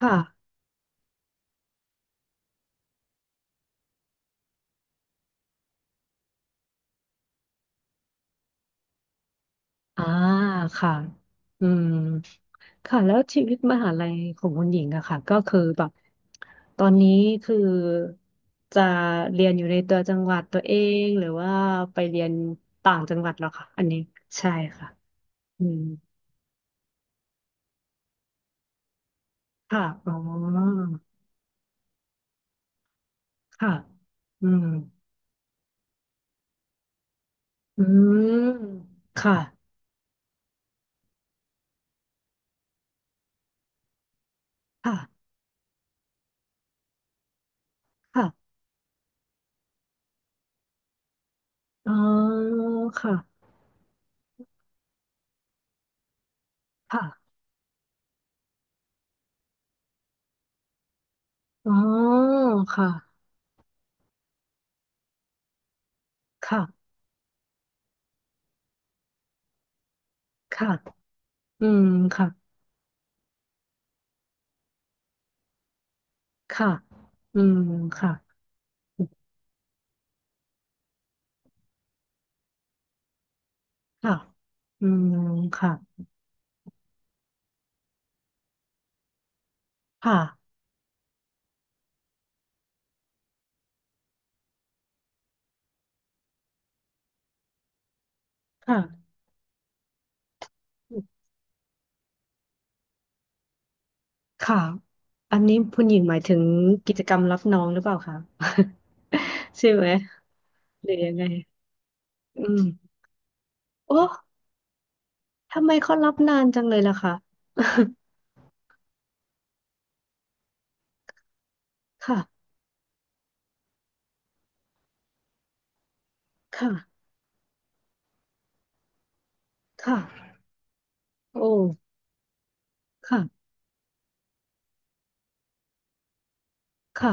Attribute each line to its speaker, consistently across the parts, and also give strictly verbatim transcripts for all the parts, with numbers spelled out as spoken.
Speaker 1: ค่ะอ่าค่ะอืมค่ะแล้วชีวิตมหาลัยของคุณหญิงอะค่ะก็คือแบบ ตอนนี้คือจะเรียนอยู่ในตัวจังหวัดตัวเอง หรือว่าไปเรียนต่างจังหวัดเหรอคะอันนี้ใช่ค่ะอืมค่ะอ๋อค่ะอืมอืมค่ะค่ะค่ะอ๋อค่ะค่ะอ๋อค่ะค่ะค่ะอืมค่ะ ค่ะ อืมค่ะค่ะอืมค่ะค่ะค่ะค่ะอันนี้คุณหญิงหมายถึงกิจกรรมรับน้องหรือเปล่าคะ ใช่ไหมหรือยังไงอืมโอ้ทำไมเขารับนานจังเลยล่ะคะ ค่ะ ค่ะ ค่ะ โอ้ค่ะค่ะ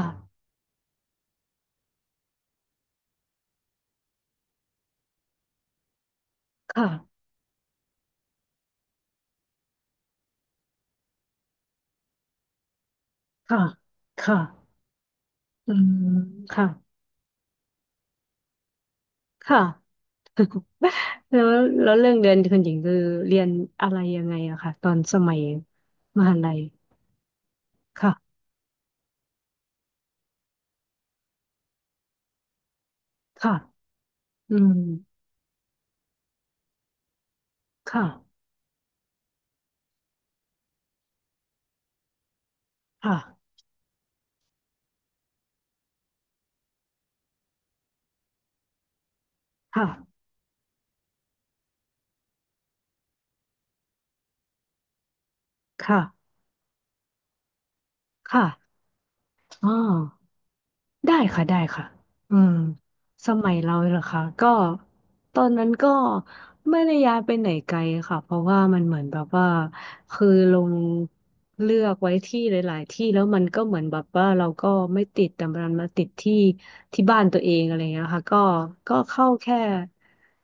Speaker 1: ค่ะค่ะค่ะอืมค่ะค่ะแล้วแล้วเรื่องเรียนคุณหญิงคือเรียนอะไรยังไงอะค่ะตอนสมัยมหาลัย ค่ะค่ะอืมค่ะค่ะค่ะค่ะค่ะอ๋อได้ค่ะ ได้ค่ะอืมสมัยเราเหรอคะก็ตอนนั้นก็ไม่ได้ย้ายไปไหนไกลค่ะเพราะว่ามันเหมือนแบบว่าคือลงเลือกไว้ที่หลายๆที่แล้วมันก็เหมือนแบบว่าเราก็ไม่ติดแต่มันมาติดที่ ที่บ้านตัวเองอะไรเงี้ยค่ะก็ก็เข้าแค่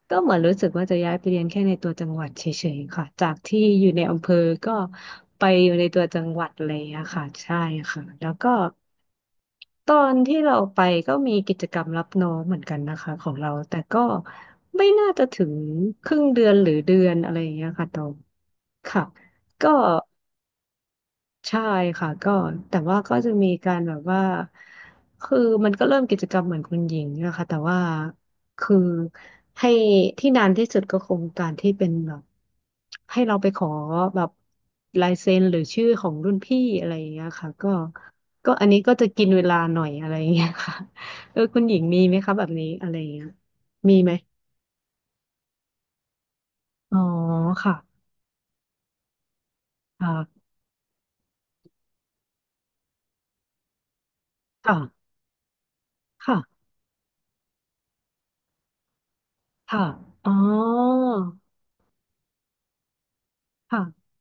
Speaker 1: ก็เหมือนรู้สึกว่าจะย้ายไปเรียนแค่ในตัวจังหวัดเฉยๆค่ะจากที่อยู่ในอำเภอก็ไปอยู่ในตัวจังหวัดอะไรอย่างเงี้ยค่ะใช่ค่ะแล้วก็ตอนที่เราไปก็มีกิจกรรมรับน้องเหมือนกันนะคะของเราแต่ก็ไม่น่าจะถึงครึ่งเดือนหรือเดือนอะไรอย่างเงี้ยค่ะตองค่ะก็ ใช่ค่ะก็แต่ว่าก็จะมีการแบบว่าคือมันก็เริ่มกิจกรรมเหมือนคุณหญิงนะคะแต่ว่าคือให้ที่นานที่สุดก็คงการที่เป็นแบบให้เราไปขอแบบลายเซ็นหรือชื่อของรุ่นพี่อะไรอย่างเงี้ยค่ะก็ก็อันนี้ก็จะกินเวลาหน่อยอะไรอย่างเงี้ยค่ะ เออคุณหญิงมีไหมคะแบบนี้อะไรอย่างเงี้ยมีไหมอ๋อค่ะค่ะค่ะค่ะค่ะอ๋อค่ะ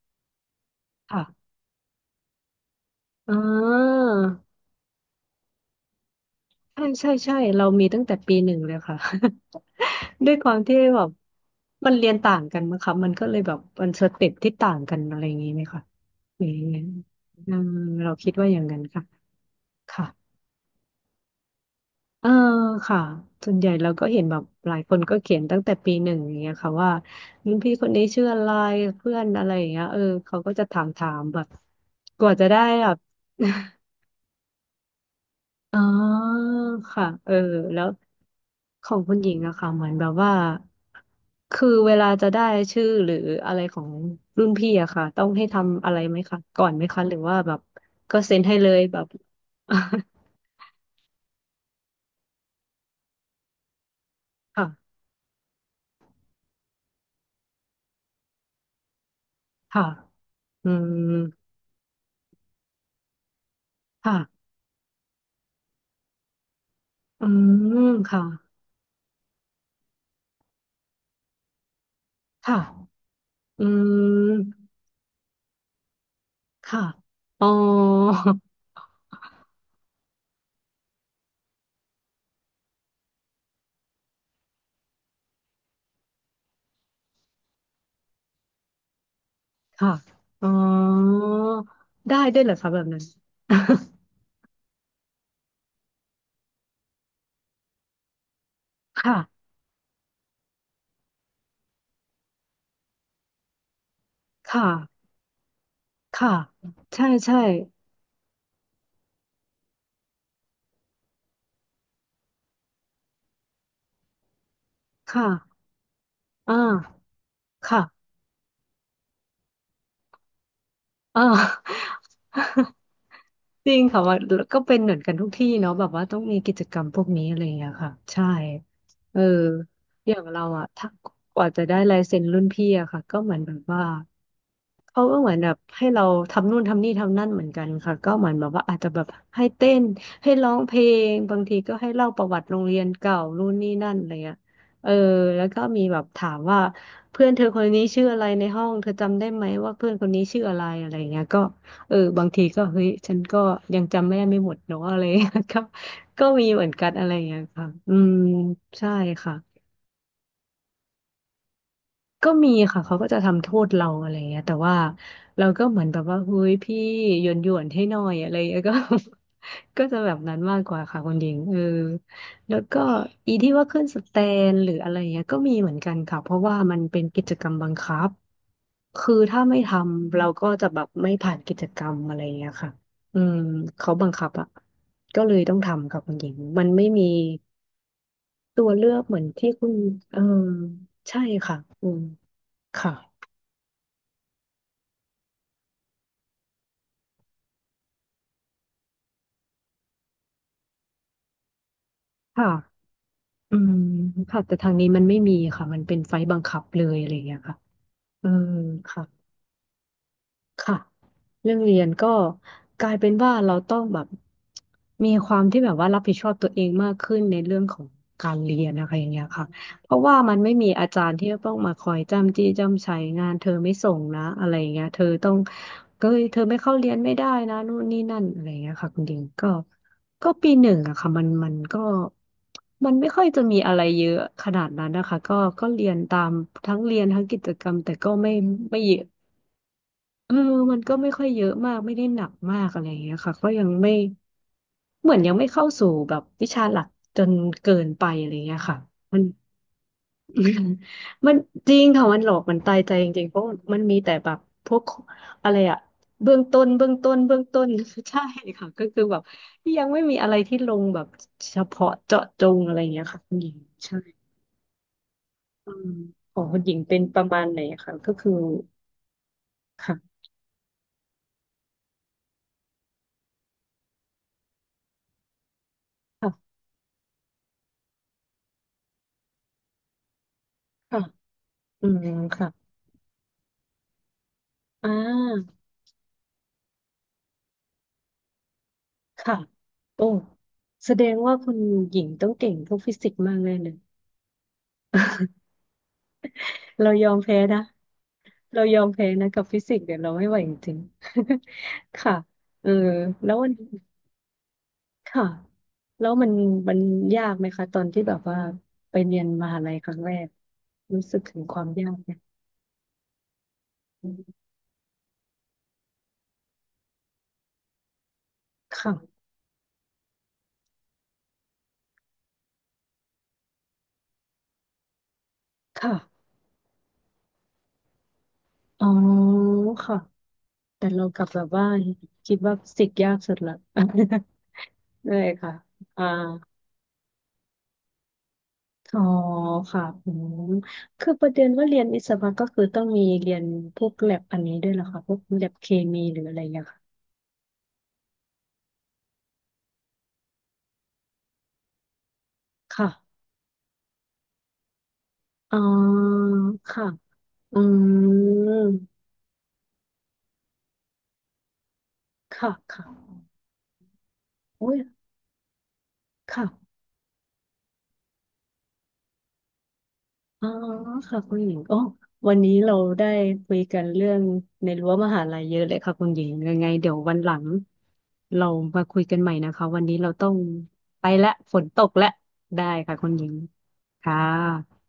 Speaker 1: ค่ะ อ่าใช่ใช่ใช่เรามีตั้งแต่ปีหนึ่งเลยค่ะ ด้วยความที่แบบมันเรียนต่างกันมั้งคะมันก็เลยแบบมันสเต็ปที่ต่างกันอะไรอย่างนี้ไหมคะหรือยังไงอืมเราคิดว่าอย่างนั้นค่ะค่ะเออค่ะส่วนใหญ่เราก็เห็นแบบหลายคนก็เขียนตั้งแต่ปีหนึ่งอย่างเงี้ยค่ะว่ารุ่นพี่คนนี้ชื่ออะไรเพื่อนอะไรอย่างเงี้ยเออเขาก็จะถามถามแบบกว่าจะได้แบบ อ๋อค่ะเออแล้วของคุณหญิงอะค่ะเหมือนแบบว่าคือเวลาจะได้ชื่อหรืออะไรของรุ่นพี่อะค่ะต้องให้ทำอะไรไหมคะก่อนไหมคะหรือว่าแบบก็เซ็นให้เลยแบบ ค่ะค่ะอืมค่ะอืมค่ะค่ะอืมค่ะอ๋อค่ะอ๋อได้ด้วยเหรอคะแบบนั้น ค่ะค่ะ ค่ะใช่ใช่ค่ะอ่าค่ะอ่า จริงค่ะว่าก็เป็นเหมือนกันทุกที่เนาะแบบว่าต้องมีกิจกรรมพวกนี้อะไรอย่างเงี้ยค่ะใช่เอออย่างเราอะถ้ากว่าจะได้ลายเซ็นรุ่นพี่อะค่ะก็เหมือนแบบว่า เขาก็เหมือนแบบให้เราทำนู่นทำนี่ทำนั่นเหมือนกันค่ะก็เหมือนแบบว่าอาจจะแบบให้เต้นให้ร้องเพลงบางทีก็ให้เล่าประวัติโรงเรียนเก่านู่นนี่นั่นอะไรเงี้ยเออแล้วก็มีแบบถามว่าเพื่อนเธอคนนี้ชื่ออะไรในห้องเธอจำได้ไหมว่าเพื่อนคนนี้ชื่ออะไรอะไรเงี้ยก็เออบางทีก็เฮ้ยฉันก็ยังจำไม่ได้ไม่หมดเนาะอะไรเงี้ยก็ก็มีเหมือนกันอะไรเงี้ยค่ะอืมใช่ค่ะ ก็มีค่ะเขาก็จะทำโทษเราอะไรเงี้ยแต่ว่าเราก็เหมือนแบบว่าเฮ้ยพี่หยวนหยวนให้หน่อยอะไรเงี้ยก็ ก็จะแบบนั้นมากกว่าค่ะคุณหญิงเออแล้วก็อีที่ว่าขึ้นสแตนหรืออะไรเงี้ยก็มีเหมือนกันค่ะเพราะว่ามันเป็นกิจกรรมบังคับคือถ้าไม่ทำเราก็จะแบบไม่ผ่านกิจกรรมอะไรเงี้ยค่ะอืมเขาบังคับอ่ะก็เลยต้องทำค่ะคุณหญิงมันไม่มีตัวเลือกเหมือนที่คุณเออใช่ค่ะอืมค่ะ ค่ะอืมค่ะ แต่ทางนี้มันไม่มีค่ะ มันเป็นไฟล์บังคับเลยอะไรอย่างเงี้ยค่ะเออค่ะ ค่ะเรื่องเรียนก็กลายเป็นว่าเราต้องแบบมีความที่แบบว่ารับผิดชอบตัวเองมากขึ้นในเรื่องของการเรียนนะคะอย่างเงี้ยค่ะเพราะว่ามันไม่มีอาจารย์ที่จะต้องมาคอยจ้ำจี้จ้ำไชงานเธอไม่ส่งนะอะไรอย่างเงี้ยเธอต้องเอ้ยเธอไม่เข้าเรียนไม่ได้นะนู่นนี่นั่นอะไรอย่างเงี้ยค่ะคุณดิงก็ก็ปีหนึ่งอะค่ะมันมันก็มันไม่ค่อยจะมีอะไรเยอะขนาดนั้นนะคะก็ก็เรียนตามทั้งเรียนทั้งกิจกรรมแต่ก็ไม่ไม่เยอะ เออมันก็ไม่ค่อยเยอะมาก ไม่ได้หนักมากอะไรอย่างเงี้ยค่ะก็ยังไม่ เหมือนยังไม่เข้าสู่แบบวิชาหลักจนเกินไปอะไรเงี้ยค่ะมัน มันจริงค่ะมันหลอกมันตายใจจริงๆเพราะมันมีแต่แบบพวกอะไรอะเบื้องต้นเบื้องต้นเบื้องต้น ใช่ค่ะก็คือแบบยังไม่มีอะไรที่ลงแบบเฉพาะเจาะจงอะไรเงี้ยค่ะคุณหญิงใช่อืมของคุณหญิงเป็นประมาณไหนคะก็คือค่ะค่ะค่ะอืมค่ะอ่า ค่ะ โอ้แสดงว่าคุณหญิงต้องเก่งพวกฟิสิกส์มากแน่เลย เรายอมแพ้นะ เรายอมแพ้นะกับฟิสิกส์เดี๋ยวเราไม่ไหวจริงๆ ค่ะเออแล้ววันค่ะแล้วมันมันยากไหมคะตอนที่แบบว่าไปเรียนมหาลัยครั้งแรก รู้สึกถึงความยากไหมค่ะค่ะ อ๋อ ค่ะ แต่เรากลับแบบว่าคิดว่าฟิสิกส์ยากสุดละ ไดค่ะอ่า อ๋อค่ะอืมคือประเด็นว่าเรียนวิศวะก็คือต้องมีเรียนพวกแลบอันนี้ด้วยเหรอคะพวกแลบเคมีหรืออะไรอย่างเงี้ยค่ะค่ะอ๋อค่ะอืมค่ะค่ะอุ้ยค่ะอ๋อค่ะคุณหญิงอ๋อวันนี้เราได้คุยกันเรื่องในรั้วมหาลัยเยอะเลยค่ะคุณหญิงยังไงเดี๋ยววันหลังเรามาคุยกันใหม่นะคะ วันนี้เราต้องไปละฝนตกละได้ค่ะคุณหญิงค่ะ